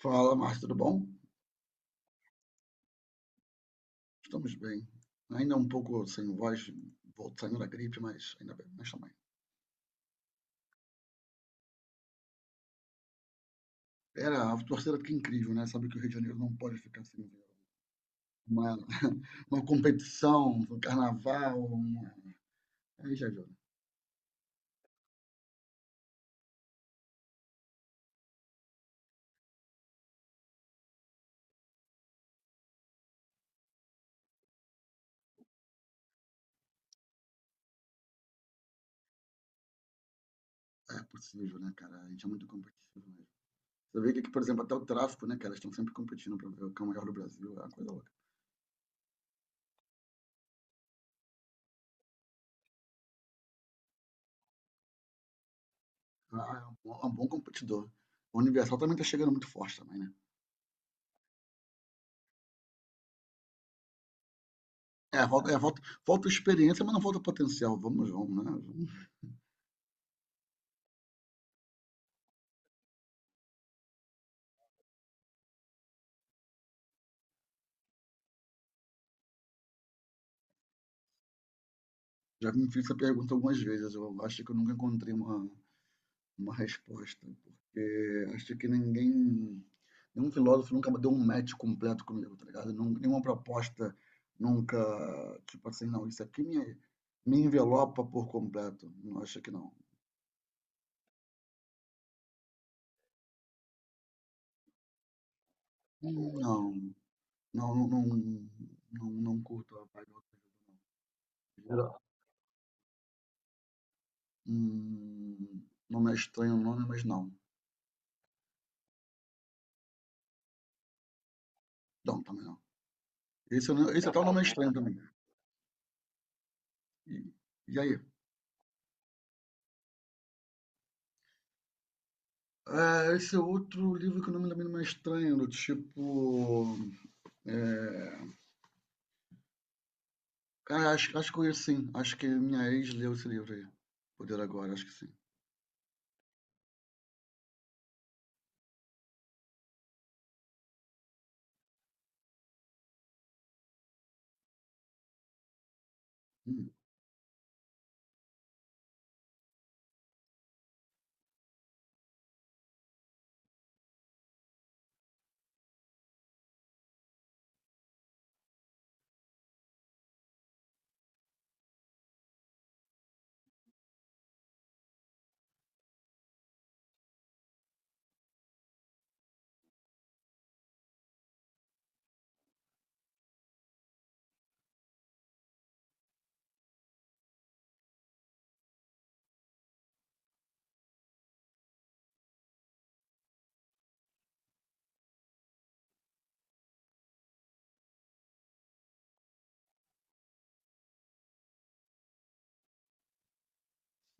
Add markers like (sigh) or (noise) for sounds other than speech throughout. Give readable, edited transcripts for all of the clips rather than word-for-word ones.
Fala, Márcio, tudo bom? Estamos bem. Ainda um pouco sem voz, saindo da gripe, mas ainda bem, mas também. Era, a torcida fica incrível, né? Sabe que o Rio de Janeiro não pode ficar sem ver uma, (laughs) uma competição, um carnaval, aí já viu, né? É possível, né, cara? A gente é muito competitivo mesmo. Você vê que, aqui, por exemplo, até o tráfico, né, cara? Eles estão sempre competindo para ver o que é o maior do Brasil, é uma coisa louca. Ah, é um bom competidor. O Universal também tá chegando muito forte também, né? É, falta experiência, mas não falta potencial. Vamos, vamos, né? Vamos. Já me fiz essa pergunta algumas vezes, eu acho que eu nunca encontrei uma resposta, porque acho que ninguém, nenhum filósofo nunca deu um match completo comigo, tá ligado? Nenhuma proposta nunca, tipo assim, não, isso aqui me envelopa por completo, não acho que não. Uhum. Não, não, não, não, não, não curto a vibe. Hum, Nome é estranho o nome, mas não. Não, também não. Esse, não, até o nome é estranho também. E, e aí? Ah, esse é outro livro que o nome também não é estranho, do tipo. É... Ah, acho que conheço, sim. Acho que minha ex leu esse livro aí. Poder Agora, acho que sim. Hum,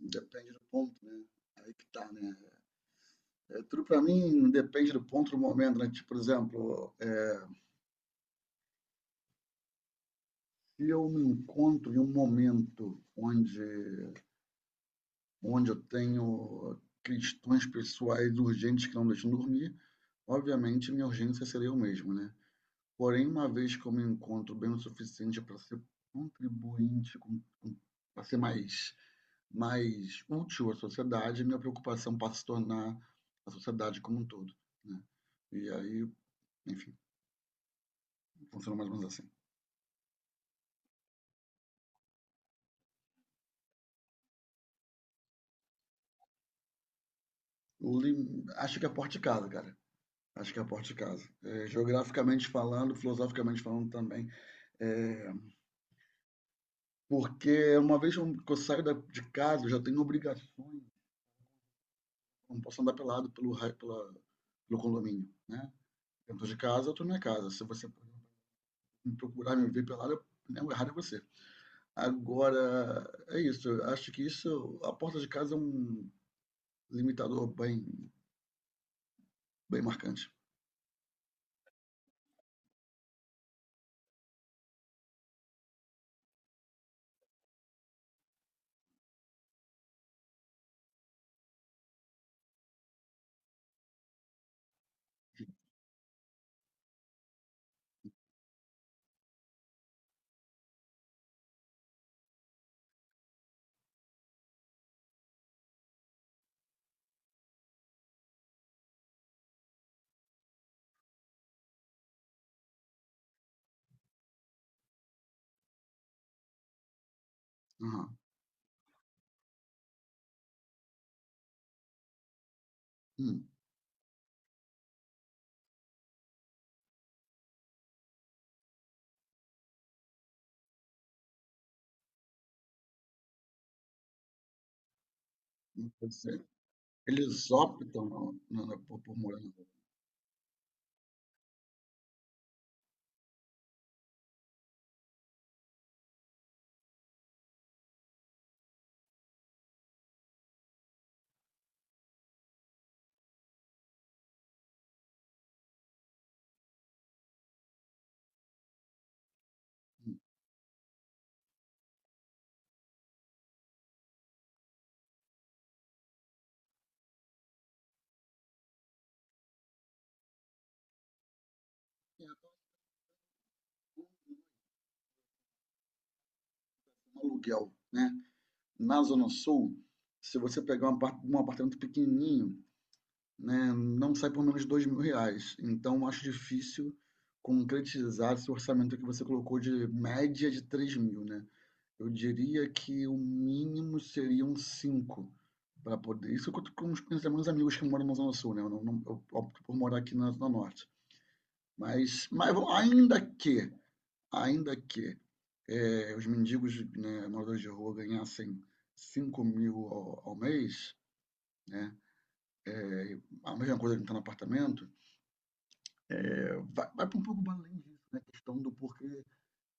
Depende do ponto, né? Aí que tá, né? É, tudo pra mim depende do ponto do momento, né? Tipo, por exemplo, se eu me encontro em um momento onde eu tenho questões pessoais urgentes que não deixam dormir, obviamente minha urgência seria eu mesmo, né? Porém, uma vez que eu me encontro bem o suficiente para ser contribuinte, para ser mais útil à sociedade, minha preocupação passa a se tornar a sociedade como um todo. Né? E aí, enfim, funciona mais ou menos assim. Acho que é a porta de casa, cara. Acho que é a porta de casa. É, geograficamente falando, filosoficamente falando também. É, porque uma vez que eu saio de casa, eu já tenho obrigações. Eu Não posso andar pelado pelo condomínio, né? Dentro de casa, eu tô na minha casa. Se você me procurar, me ver pelado, né, o errado é você. Agora, é isso. Eu acho que isso, a porta de casa é um limitador bem marcante. Aham. Hum. Interessante. Eles optam por morar no hum. É, um aluguel, né? Na Zona Sul, se você pegar um um apartamento pequenininho, né, não sai por menos de R$ 2.000. Então, acho difícil concretizar esse orçamento que você colocou de média de 3.000, né? Eu diria que o mínimo seriam 5 para poder. Isso eu com os meus amigos que moram na Zona Sul, né? Eu, não, eu opto por morar aqui na Zona Norte. Mas, ainda que os mendigos, né, moradores de rua ganhassem 5.000 ao mês, né? A mesma coisa que está no apartamento, vai para um pouco além disso, né? A questão do porquê,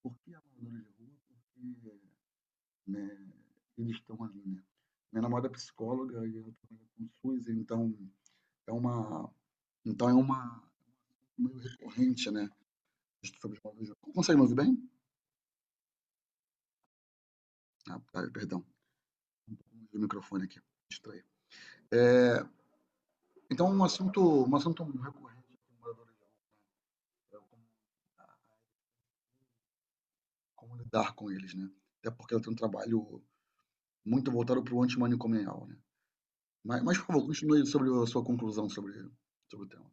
porquê a moradores de rua, porquê, né, eles estão ali, né? Minha namorada é psicóloga e ela trabalha com SUS, então é uma, é uma meio recorrente, né? Sobre os móveis. Consegue me ouvir bem? Ah, tá, perdão, o microfone aqui, distraí. É, então um assunto recorrente com moradores de rua, é como lidar com eles, né? Até porque eu tenho um trabalho muito voltado para o antimanicomial, né? Mas, por favor, continue sobre a sua conclusão sobre o tema.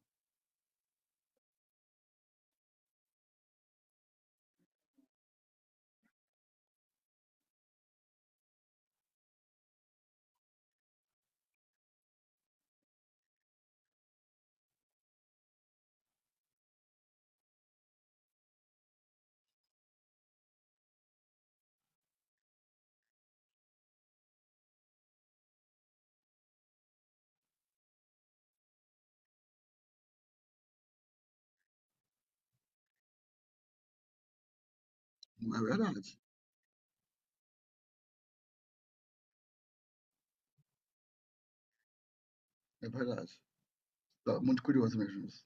É verdade, é verdade. Tá muito curioso mesmo isso.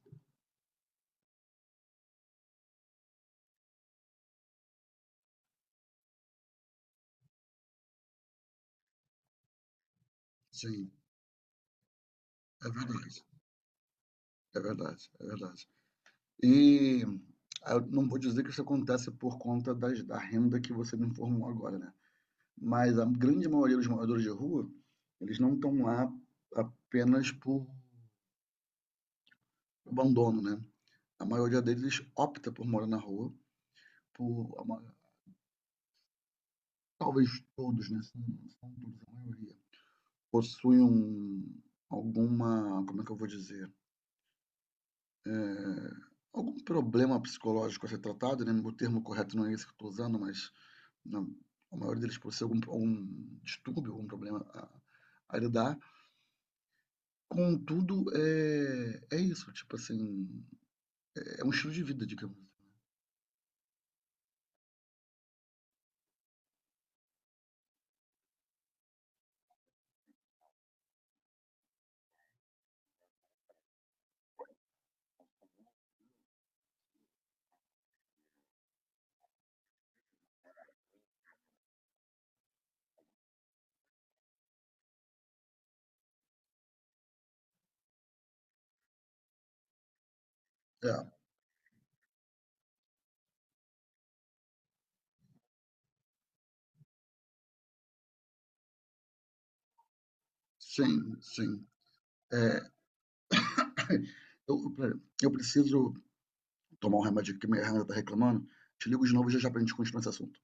Sim. É verdade, é verdade, é verdade. E eu não vou dizer que isso acontece por conta da renda que você me informou agora, né? Mas a grande maioria dos moradores de rua, eles não estão lá apenas por abandono, né? A maioria deles opta por morar na rua, por a ma- talvez todos, né? Se não todos, a maioria possuem alguma, como é que eu vou dizer? É, algum problema psicológico a ser tratado, né? O termo correto não é esse que eu estou usando, mas não, o maior deles por ser algum, distúrbio, algum problema a lidar. Contudo, é isso, tipo assim, é um estilo de vida, digamos. É, sim, sim. É, (laughs) eu, eu preciso tomar um remédio que minha irmã tá reclamando. Te ligo de novo já já pra gente continuar esse assunto.